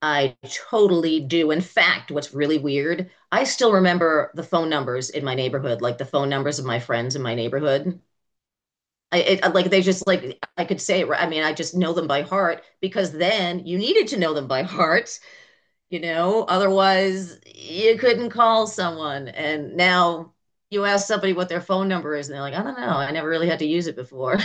I totally do. In fact, what's really weird, I still remember the phone numbers in my neighborhood, like the phone numbers of my friends in my neighborhood. I it, like they just like I could say it. I mean, I just know them by heart because then you needed to know them by heart, Otherwise, you couldn't call someone. And now you ask somebody what their phone number is, and they're like, I don't know. I never really had to use it before.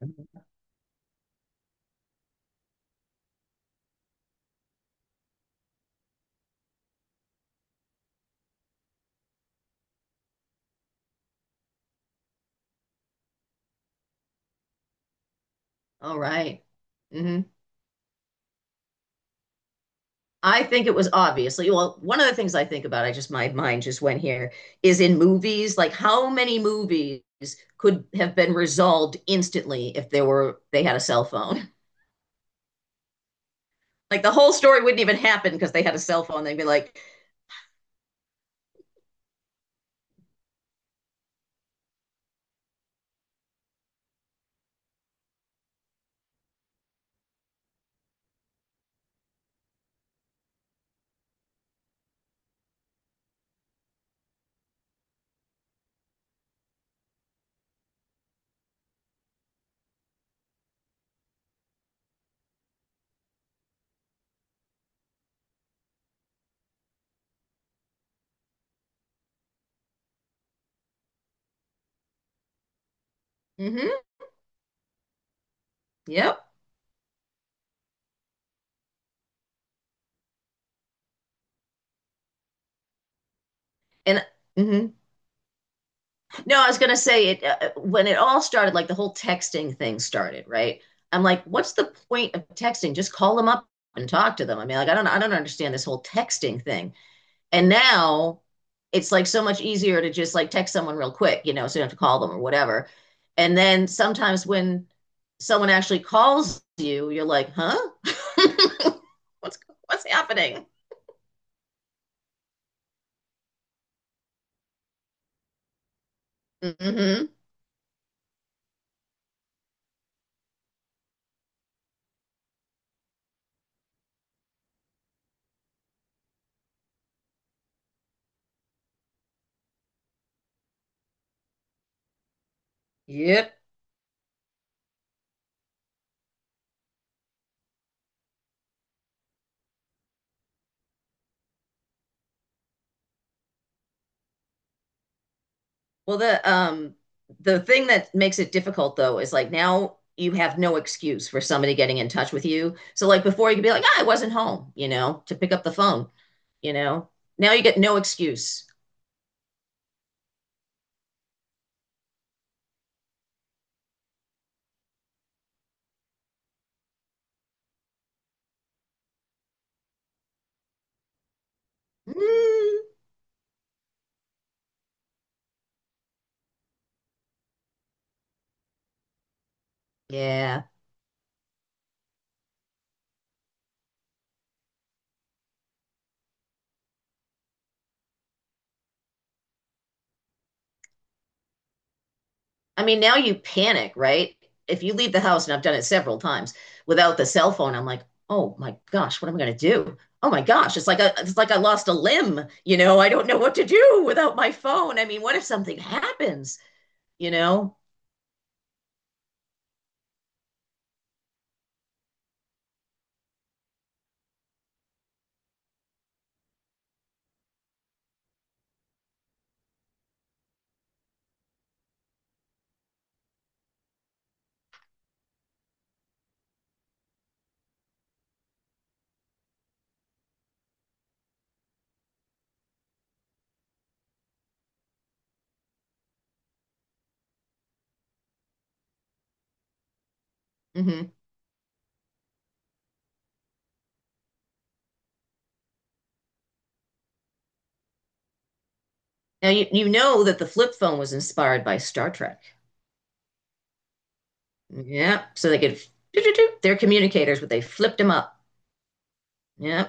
All right. Mhm. I think it was obviously, well, one of the things I think about, I just, my mind just went here, is in movies, like how many movies could have been resolved instantly if they had a cell phone? Like the whole story wouldn't even happen because they had a cell phone. They'd be like, mm-hmm, yep. And hmm no, I was gonna say it when it all started, like the whole texting thing started, right? I'm like, what's the point of texting? Just call them up and talk to them. I mean, like, I don't understand this whole texting thing. And now it's like so much easier to just like text someone real quick, you know, so you don't have to call them or whatever. And then sometimes when someone actually calls you, you're like, huh? what's what's happening? Mm-hmm. Yep. Well, the thing that makes it difficult though is like now you have no excuse for somebody getting in touch with you. So like before you could be like, ah, I wasn't home, you know, to pick up the phone, you know. Now you get no excuse. Mm, yeah. I mean, now you panic, right? If you leave the house, and I've done it several times without the cell phone, I'm like, oh my gosh, what am I going to do? Oh my gosh, it's like I lost a limb. You know, I don't know what to do without my phone. I mean, what if something happens? You know. Hmm. Now you know that the flip phone was inspired by Star Trek. Yeah, so they could. Do do do. They're communicators, but they flipped them up. Yeah.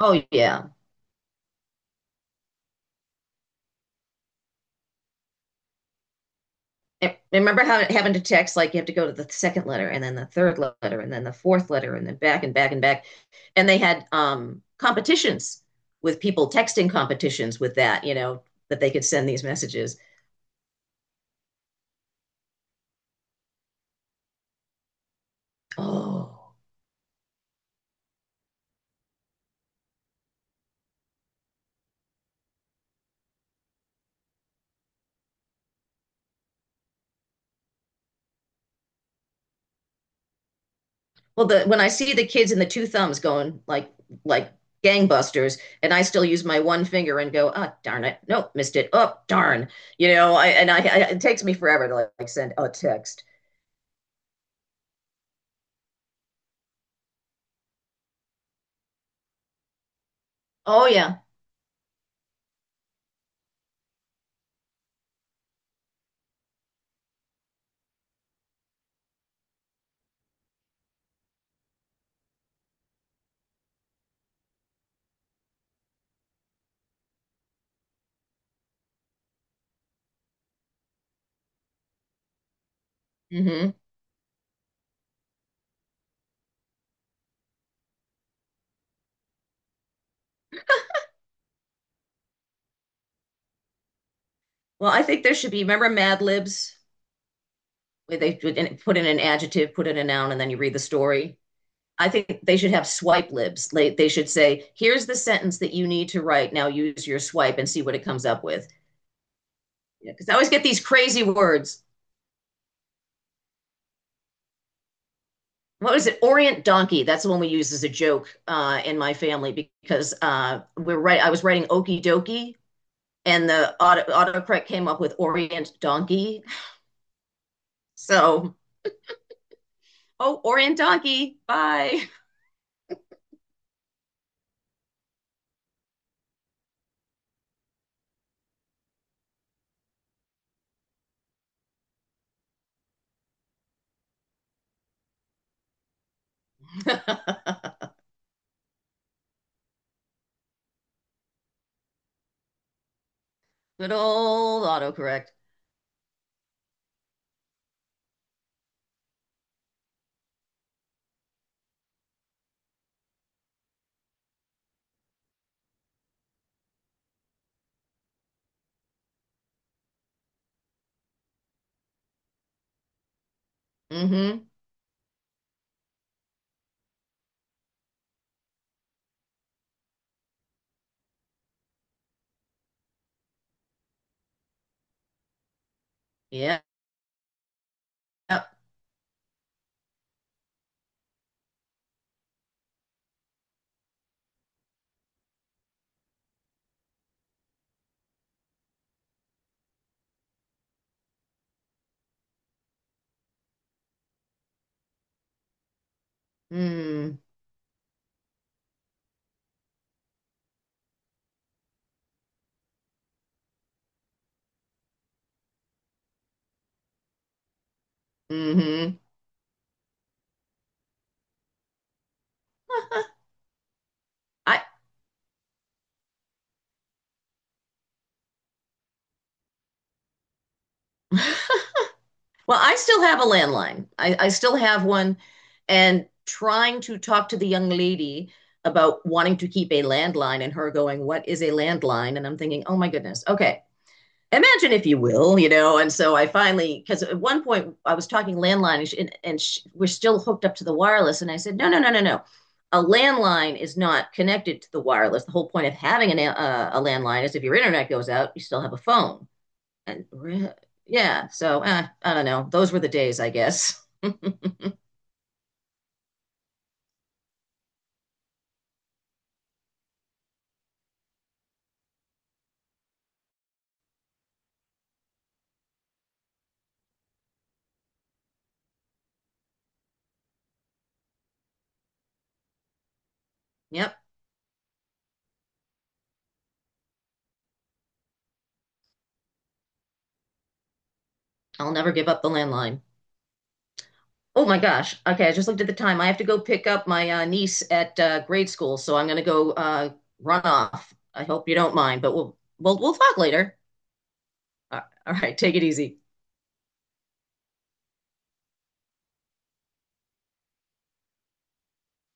Oh yeah. And remember how having to text like you have to go to the second letter and then the third letter and then the fourth letter and then back and back and back. And they had competitions with people texting competitions with that, you know, that they could send these messages. Oh, well, the when I see the kids in the two thumbs going like gangbusters, and I still use my one finger and go, oh darn it, nope, missed it. Oh darn, you know, I it takes me forever to like, send a text. Oh yeah. Mm-hmm. Well, I think there should be. Remember Mad Libs? Where they put in an adjective, put in a noun, and then you read the story. I think they should have swipe libs. Like, they should say, here's the sentence that you need to write. Now use your swipe and see what it comes up with. Because I always get these crazy words. What was it? Orient donkey. That's the one we use as a joke in my family because we're right. I was writing okey dokie, and the autocorrect came up with Orient donkey. So, oh, Orient donkey. Bye. Good old autocorrect. Mm-hmm. Yeah. Mm. Mm-hmm. I well, I still have a landline. I still have one, and trying to talk to the young lady about wanting to keep a landline and her going, what is a landline? And I'm thinking, oh my goodness. Okay. Imagine if you will, you know. And so I finally, because at one point I was talking landline and she, we're still hooked up to the wireless. And I said, no, no, no, no, no. A landline is not connected to the wireless. The whole point of having a landline is if your internet goes out, you still have a phone. And re- yeah, so eh, I don't know. Those were the days, I guess. Yep. I'll never give up the landline. Oh my gosh. Okay, I just looked at the time. I have to go pick up my niece at grade school, so I'm gonna go run off. I hope you don't mind, but we'll talk later. Uh, all right, take it easy.